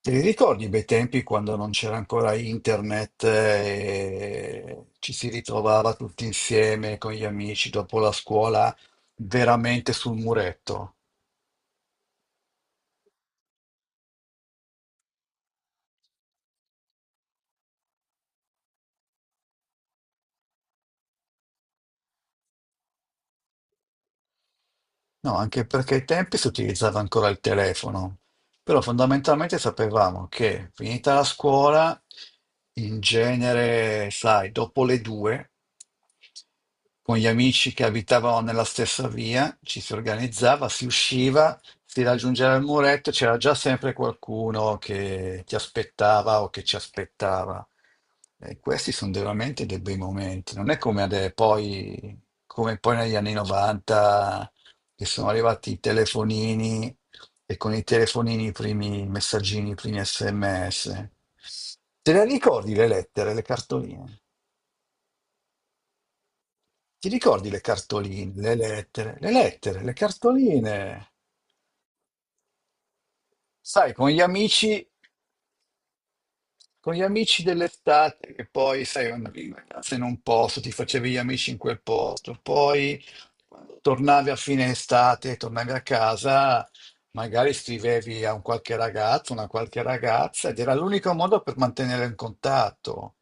Te li ricordi i bei tempi quando non c'era ancora internet e ci si ritrovava tutti insieme con gli amici dopo la scuola, veramente sul muretto? No, anche perché ai tempi si utilizzava ancora il telefono, però fondamentalmente sapevamo che finita la scuola, in genere, sai, dopo le due, con gli amici che abitavano nella stessa via, ci si organizzava, si usciva, si raggiungeva il muretto, c'era già sempre qualcuno che ti aspettava o che ci aspettava. E questi sono veramente dei bei momenti, non è come poi negli anni 90 che sono arrivati i telefonini, e con i telefonini i primi messaggini, i primi SMS. Te le ricordi le lettere, le cartoline? Ti ricordi le cartoline, le lettere, le cartoline? Sai, con gli amici dell'estate, che poi, sai, andavi in vacanza in un posto, ti facevi gli amici in quel posto, poi quando tornavi a fine estate, tornavi a casa, magari scrivevi a un qualche ragazzo, una qualche ragazza, ed era l'unico modo per mantenere in contatto.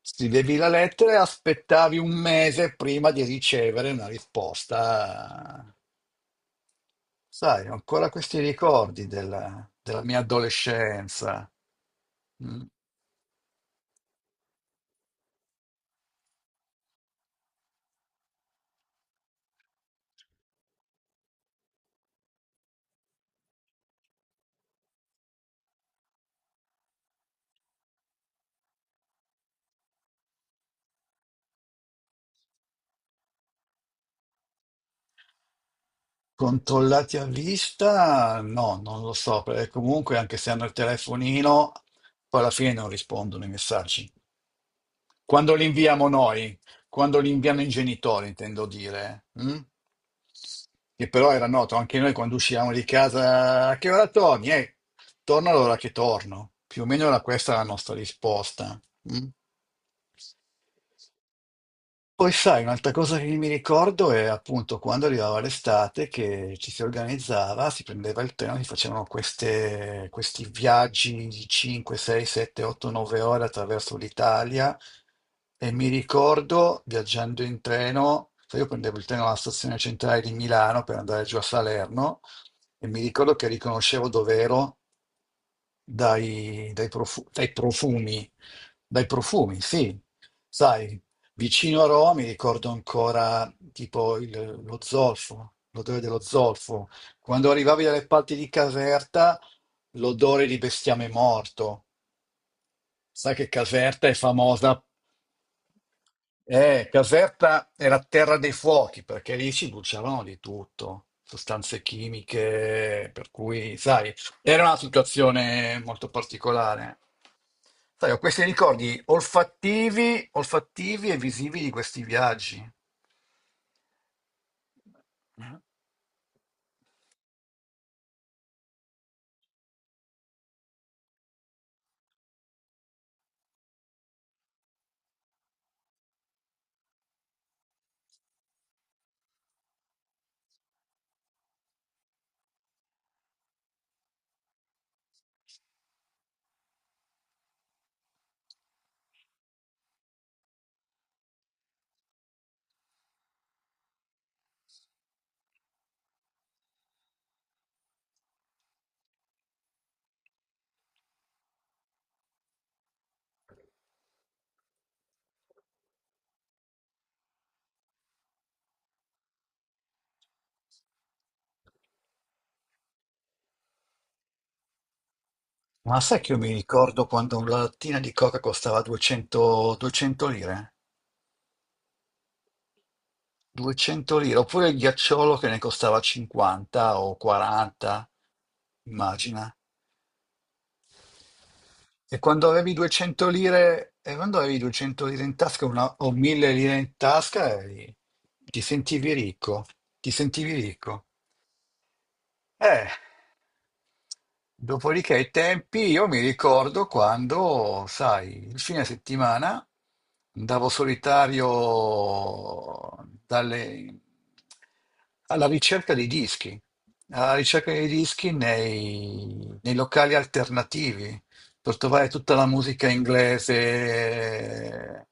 Scrivevi la lettera e aspettavi un mese prima di ricevere una risposta. Sai, ho ancora questi ricordi della mia adolescenza. Mm. Controllati a vista? No, non lo so, perché comunque anche se hanno il telefonino, poi alla fine non rispondono i messaggi. Quando li inviamo noi, quando li inviano i genitori, intendo dire, mm? Che però era noto anche noi quando uscivamo di casa. A che ora torni? Torno all'ora che torno. Più o meno era questa la nostra risposta. Mm? Poi sai, un'altra cosa che mi ricordo è appunto quando arrivava l'estate, che ci si organizzava, si prendeva il treno, si facevano questi viaggi di 5, 6, 7, 8, 9 ore attraverso l'Italia. E mi ricordo viaggiando in treno, sai, io prendevo il treno alla stazione centrale di Milano per andare giù a Salerno, e mi ricordo che riconoscevo dove ero dai, dai profu- dai profumi, dai profumi, sì. Sai, vicino a Roma mi ricordo ancora tipo lo zolfo, l'odore dello zolfo. Quando arrivavi dalle parti di Caserta, l'odore di bestiame morto. Sai che Caserta è famosa. Caserta era terra dei fuochi perché lì si bruciavano di tutto, sostanze chimiche, per cui, sai, era una situazione molto particolare. Sai, ho questi ricordi olfattivi, olfattivi e visivi di questi viaggi. Ma sai che io mi ricordo quando una lattina di coca costava 200, 200 lire? 200 lire, oppure il ghiacciolo che ne costava 50 o 40, immagina. E quando avevi 200 lire, e quando avevi 200 lire in tasca, o 1000 lire in tasca, ti sentivi ricco, ti sentivi ricco. Eh. Dopodiché i tempi, io mi ricordo quando, sai, il fine settimana andavo solitario dalle- alla ricerca dei dischi, alla ricerca dei dischi nei locali alternativi, per trovare tutta la musica inglese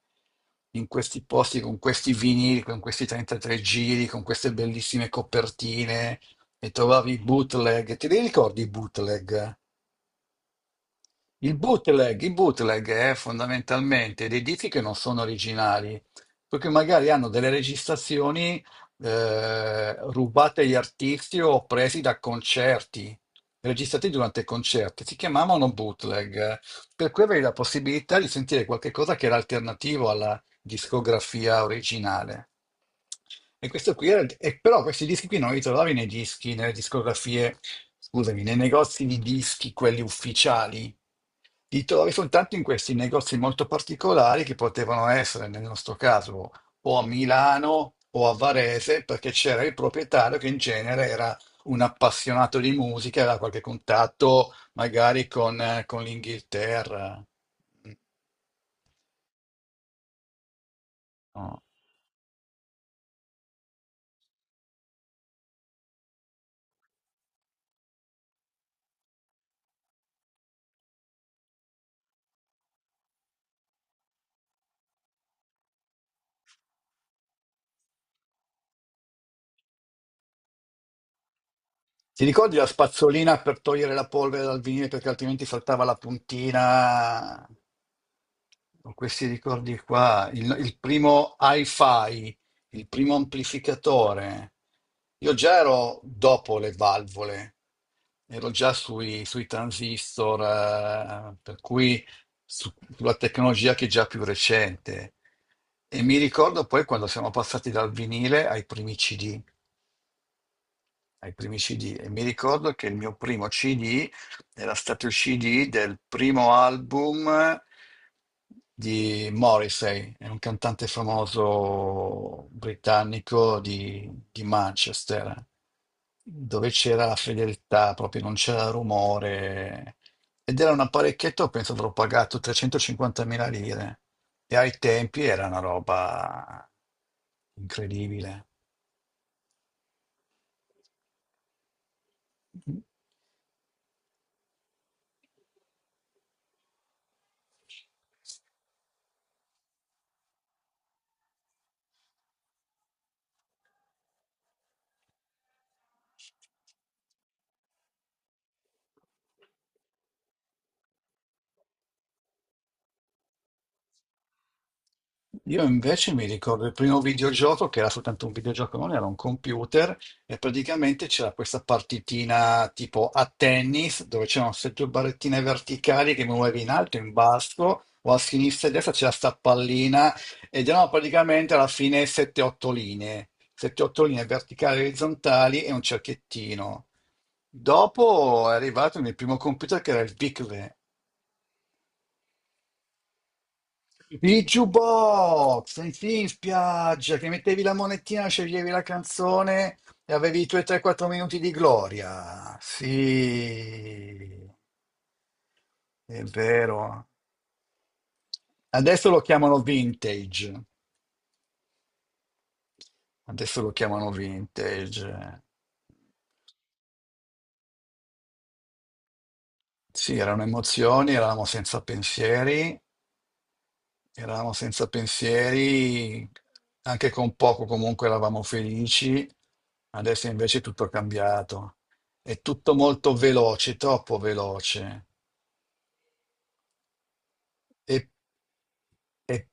in questi posti, con questi vinili, con questi 33 giri, con queste bellissime copertine, e trovavi i bootleg. Te li ricordi i bootleg? Il bootleg è fondamentalmente dei dischi che non sono originali, perché magari hanno delle registrazioni rubate agli artisti o presi da concerti, registrati durante concerti. Si chiamavano bootleg, per cui avevi la possibilità di sentire qualche cosa che era alternativo alla discografia originale. E questo qui era, e però questi dischi qui non li trovavi nei dischi, nelle discografie, scusami, nei negozi di dischi, quelli ufficiali. Ti trovi soltanto in questi negozi molto particolari, che potevano essere, nel nostro caso, o a Milano o a Varese, perché c'era il proprietario che in genere era un appassionato di musica, aveva qualche contatto magari con l'Inghilterra. No. Ti ricordi la spazzolina per togliere la polvere dal vinile perché altrimenti saltava la puntina? Con questi ricordi qua, il primo hi-fi, il primo amplificatore. Io già ero dopo le valvole, ero già sui transistor, per cui sulla tecnologia che è già più recente. E mi ricordo poi quando siamo passati dal vinile ai primi CD. Ai primi CD. E mi ricordo che il mio primo CD era stato il CD del primo album di Morrissey, è un cantante famoso britannico di Manchester, dove c'era la fedeltà, proprio non c'era rumore. Ed era un apparecchietto, penso avrò pagato 350.000 lire. E ai tempi era una roba incredibile. Io invece mi ricordo il primo videogioco, che era soltanto un videogioco, non era un computer, e praticamente c'era questa partitina tipo a tennis dove c'erano sette barrettine verticali che muovevi in alto, in basso, o a sinistra e a destra c'era sta pallina, ed erano praticamente alla fine 7-8 linee, 7-8 linee verticali e orizzontali e un cerchettino. Dopo è arrivato il mio primo computer che era il VIC. Il jukebox, senti, in spiaggia, che mettevi la monetina, sceglievi la canzone e avevi i tuoi 3-4 minuti di gloria. Sì, è vero. Adesso lo chiamano vintage. Adesso lo chiamano vintage. Sì, erano emozioni, eravamo senza pensieri. Eravamo senza pensieri, anche con poco comunque eravamo felici, adesso invece è tutto cambiato. È tutto molto veloce, troppo veloce. E, e-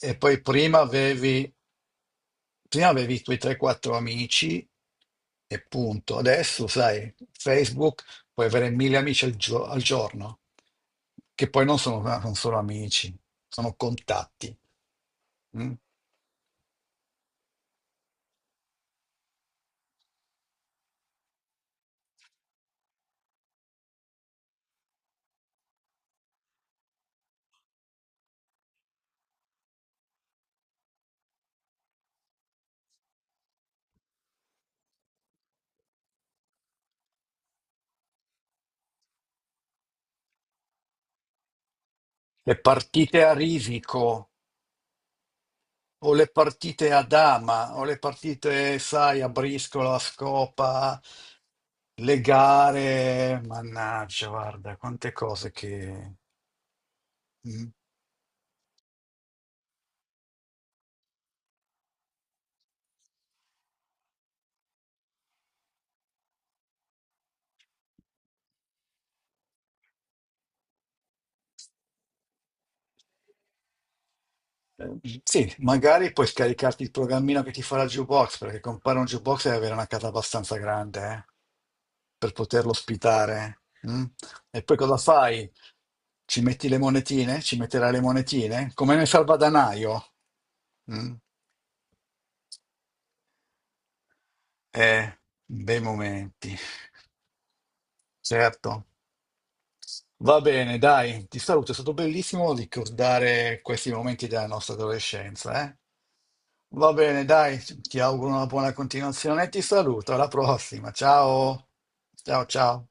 e poi prima avevi i tuoi 3-4 amici e punto. Adesso, sai, Facebook, puoi avere mille amici al giorno, che poi non sono amici, sono contatti. Mm? E partite a risico. O le partite a dama, o le partite, sai, a briscola, a scopa, le gare, mannaggia, guarda, quante cose che... Mm. Eh, Sì, magari puoi scaricarti il programmino che ti farà il jukebox, perché comprare un jukebox deve avere una casa abbastanza grande, per poterlo ospitare. Mm? E poi cosa fai? Ci metti le monetine? Ci metterai le monetine? Come nel salvadanaio? Mm? Eh, Bei momenti, certo. Va bene, dai, ti saluto, è stato bellissimo ricordare questi momenti della nostra adolescenza, eh. Va bene, dai, ti auguro una buona continuazione e ti saluto, alla prossima, ciao, ciao, ciao.